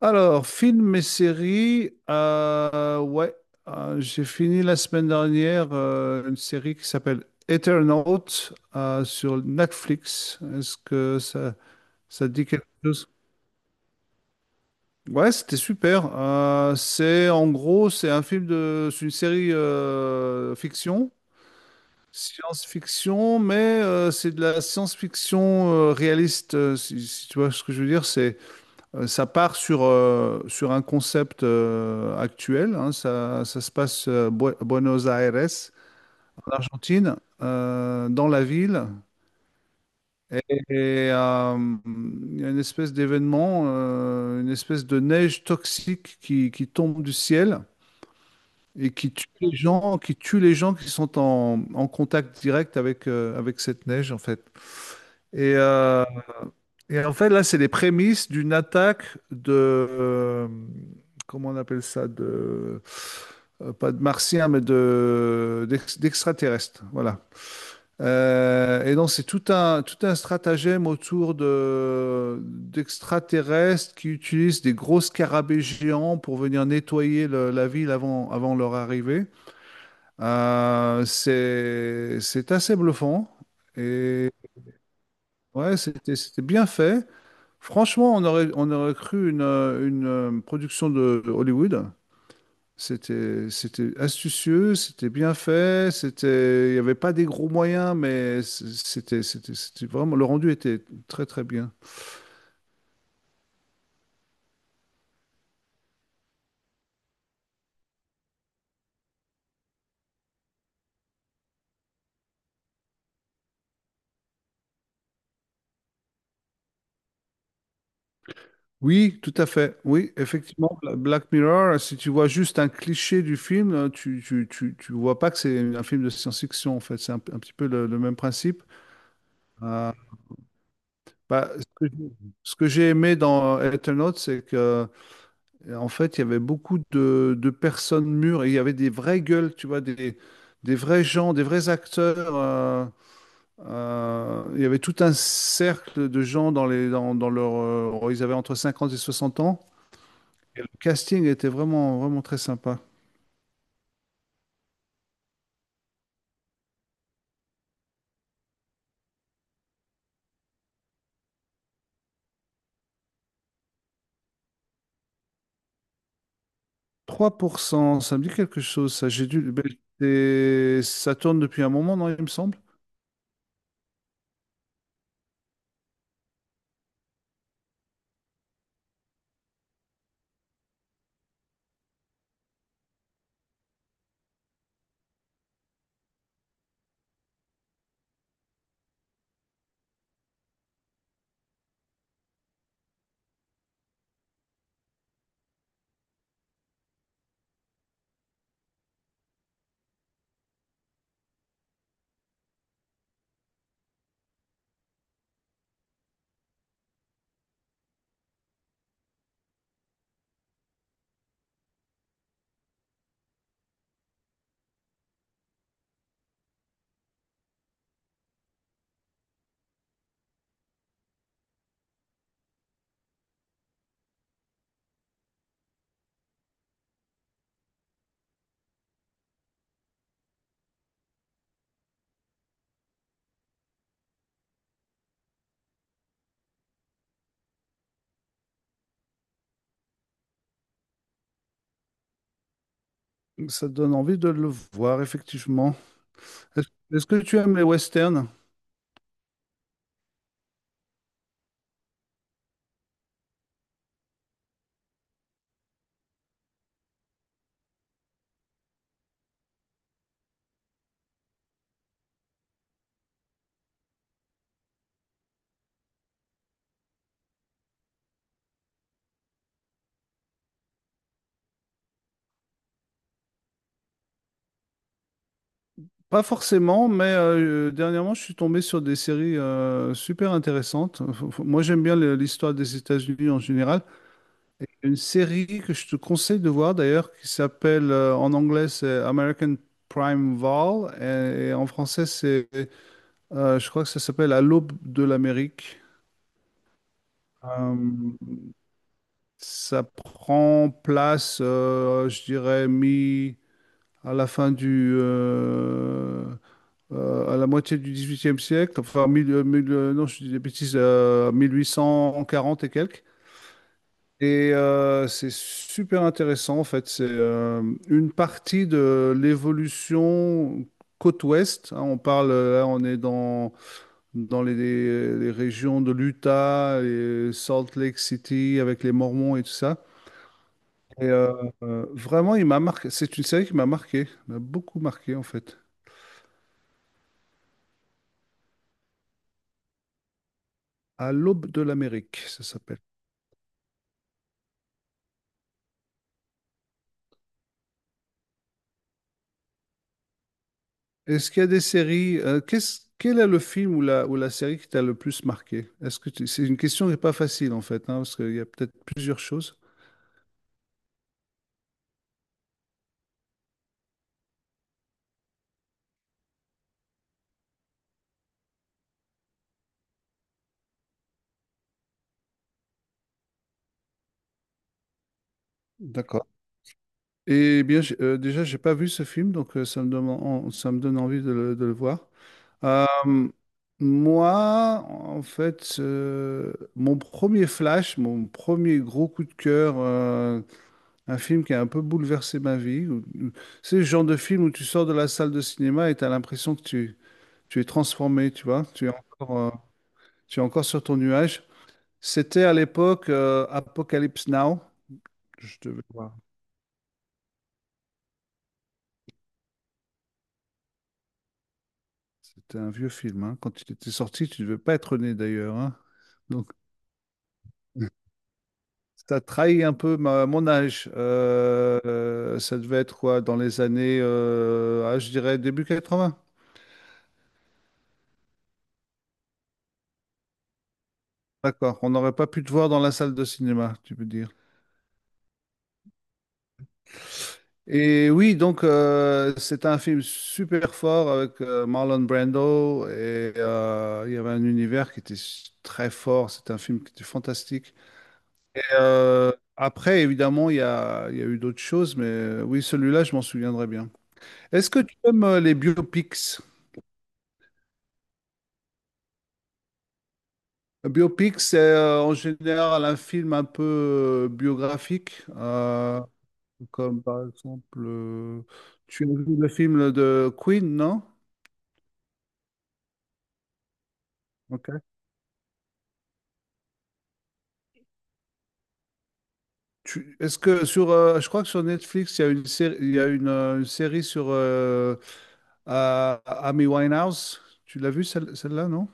Alors, films et séries, ouais, j'ai fini la semaine dernière une série qui s'appelle Eternaut sur Netflix. Est-ce que ça te dit quelque chose? Ouais, c'était super. C'est en gros, c'est c'est une série fiction, science-fiction, mais c'est de la science-fiction réaliste. Si tu vois ce que je veux dire, c'est ça part sur un concept actuel, hein. Ça se passe Buenos Aires, en Argentine, dans la ville. Et, et, euh, il y a une espèce d'événement, une espèce de neige toxique qui tombe du ciel et qui tue les gens, qui tue les gens qui sont en contact direct avec cette neige, en fait. Et, euh, Et là, c'est les prémices d'une attaque de... comment on appelle ça? Pas de martiens, mais d'extraterrestres. Voilà. Et donc, c'est tout un stratagème autour d'extraterrestres qui utilisent des gros scarabées géants pour venir nettoyer la ville avant leur arrivée. C'est assez bluffant. Et C'était bien fait. Franchement, on aurait cru une production de Hollywood. C'était astucieux, c'était bien fait, il n'y avait pas des gros moyens, mais c'était vraiment, le rendu était très, très bien. Oui, tout à fait. Oui, effectivement, Black Mirror, si tu vois juste un cliché du film, tu vois pas que c'est un film de science-fiction, en fait. C'est un petit peu le même principe. Euh, bah, ce que, Ce que j'ai aimé dans Eternauts, c'est que Et En fait, il y avait beaucoup de personnes mûres et il y avait des vraies gueules, tu vois, des vrais gens, des vrais acteurs. Il y avait tout un cercle de gens dans dans leur, ils avaient entre 50 et 60 ans. Et le casting était vraiment, vraiment très sympa. Trois pour cent, ça me dit quelque chose, ça. J'ai dû, ben, ça tourne depuis un moment, non, il me semble. Ça donne envie de le voir, effectivement. Est-ce est-ce que tu aimes les westerns? Pas forcément, mais dernièrement, je suis tombé sur des séries super intéressantes. Moi, j'aime bien l'histoire des États-Unis en général. Et une série que je te conseille de voir d'ailleurs, qui s'appelle en anglais c'est American Primeval et en français c'est, je crois que ça s'appelle À l'aube de l'Amérique. Euh, Ça prend place, je dirais, mi à la fin du à la moitié du XVIIIe siècle, enfin, non, je dis des bêtises, 1840 et quelques. Et c'est super intéressant, en fait. C'est une partie de l'évolution côte ouest, hein. On parle, on est dans, dans les régions de l'Utah et Salt Lake City avec les Mormons et tout ça. Et euh, Vraiment, il m'a marqué. C'est une série qui m'a marqué, m'a beaucoup marqué, en fait. À l'aube de l'Amérique, ça s'appelle. Est-ce qu'il y a des séries, quel est le film ou ou la série qui t'a le plus marqué? C'est une question qui n'est pas facile en fait, hein, parce qu'il y a peut-être plusieurs choses. D'accord. Eh bien, déjà, j'ai pas vu ce film, donc ça me donne, ça me donne envie de de le voir. Euh, moi, mon premier flash, mon premier gros coup de cœur, un film qui a un peu bouleversé ma vie. C'est le genre de film où tu sors de la salle de cinéma et tu as l'impression que tu es transformé, tu vois. Tu es encore sur ton nuage. C'était à l'époque Apocalypse Now. Je devais- C'était un vieux film, hein. Quand il était sorti, tu ne devais pas être né d'ailleurs, hein. Donc, ça trahit un peu mon âge. Ça devait être quoi dans les années, je dirais début 80. D'accord. On n'aurait pas pu te voir dans la salle de cinéma, tu peux dire. Et oui, donc c'est un film super fort avec Marlon Brando et il y avait un univers qui était très fort. C'est un film qui était fantastique. Après, évidemment, il y a eu d'autres choses, mais oui, celui-là, je m'en souviendrai bien. Est-ce que tu aimes les biopics? Un biopic, c'est en général un film un peu biographique, comme par exemple, tu as vu le film de Queen, non? Ok. Est-ce que je crois que sur Netflix, il y a une série, il y a une série sur Amy Winehouse. Tu l'as vue celle, celle-là, non?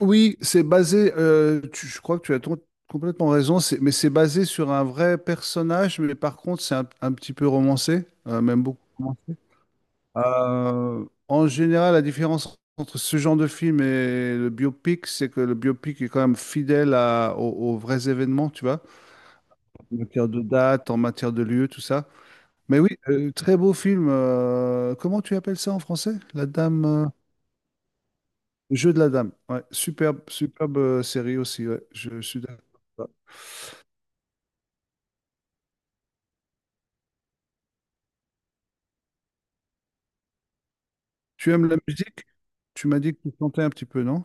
Oui, c'est basé. Je crois que complètement raison. Mais c'est basé sur un vrai personnage, mais par contre, c'est un petit peu romancé, même beaucoup romancé. En général, la différence entre ce genre de film et le biopic, c'est que le biopic est quand même fidèle aux vrais événements, tu vois. En matière de date, en matière de lieu, tout ça. Mais oui, très beau film. Comment tu appelles ça en français? Le Jeu de la Dame. Ouais, superbe, superbe série aussi. Ouais, je suis d'accord. Ouais. Tu aimes la musique? Tu m'as dit que tu chantais un petit peu, non?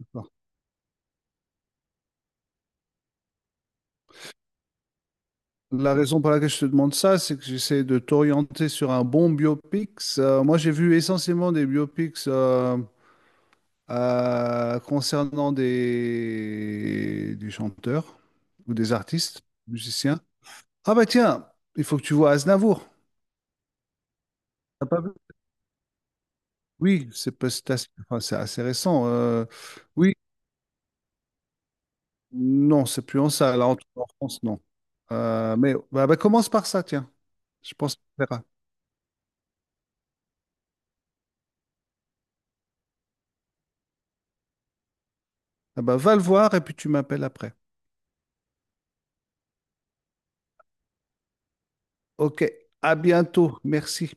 D'accord. La raison pour laquelle je te demande ça, c'est que j'essaie de t'orienter sur un bon biopic. Moi, j'ai vu essentiellement des biopics concernant des chanteurs ou des artistes, musiciens. Ah bah tiens, il faut que tu vois Aznavour. T'as pas vu? Oui, c'est pas- c'est assez, enfin, c'est assez récent. Oui, non, c'est plus en salle, là, en tout cas en France, non. Mais bah, commence par ça, tiens. Je pense que ça te plaira. Ah bah, va le voir et puis tu m'appelles après. Ok, à bientôt. Merci.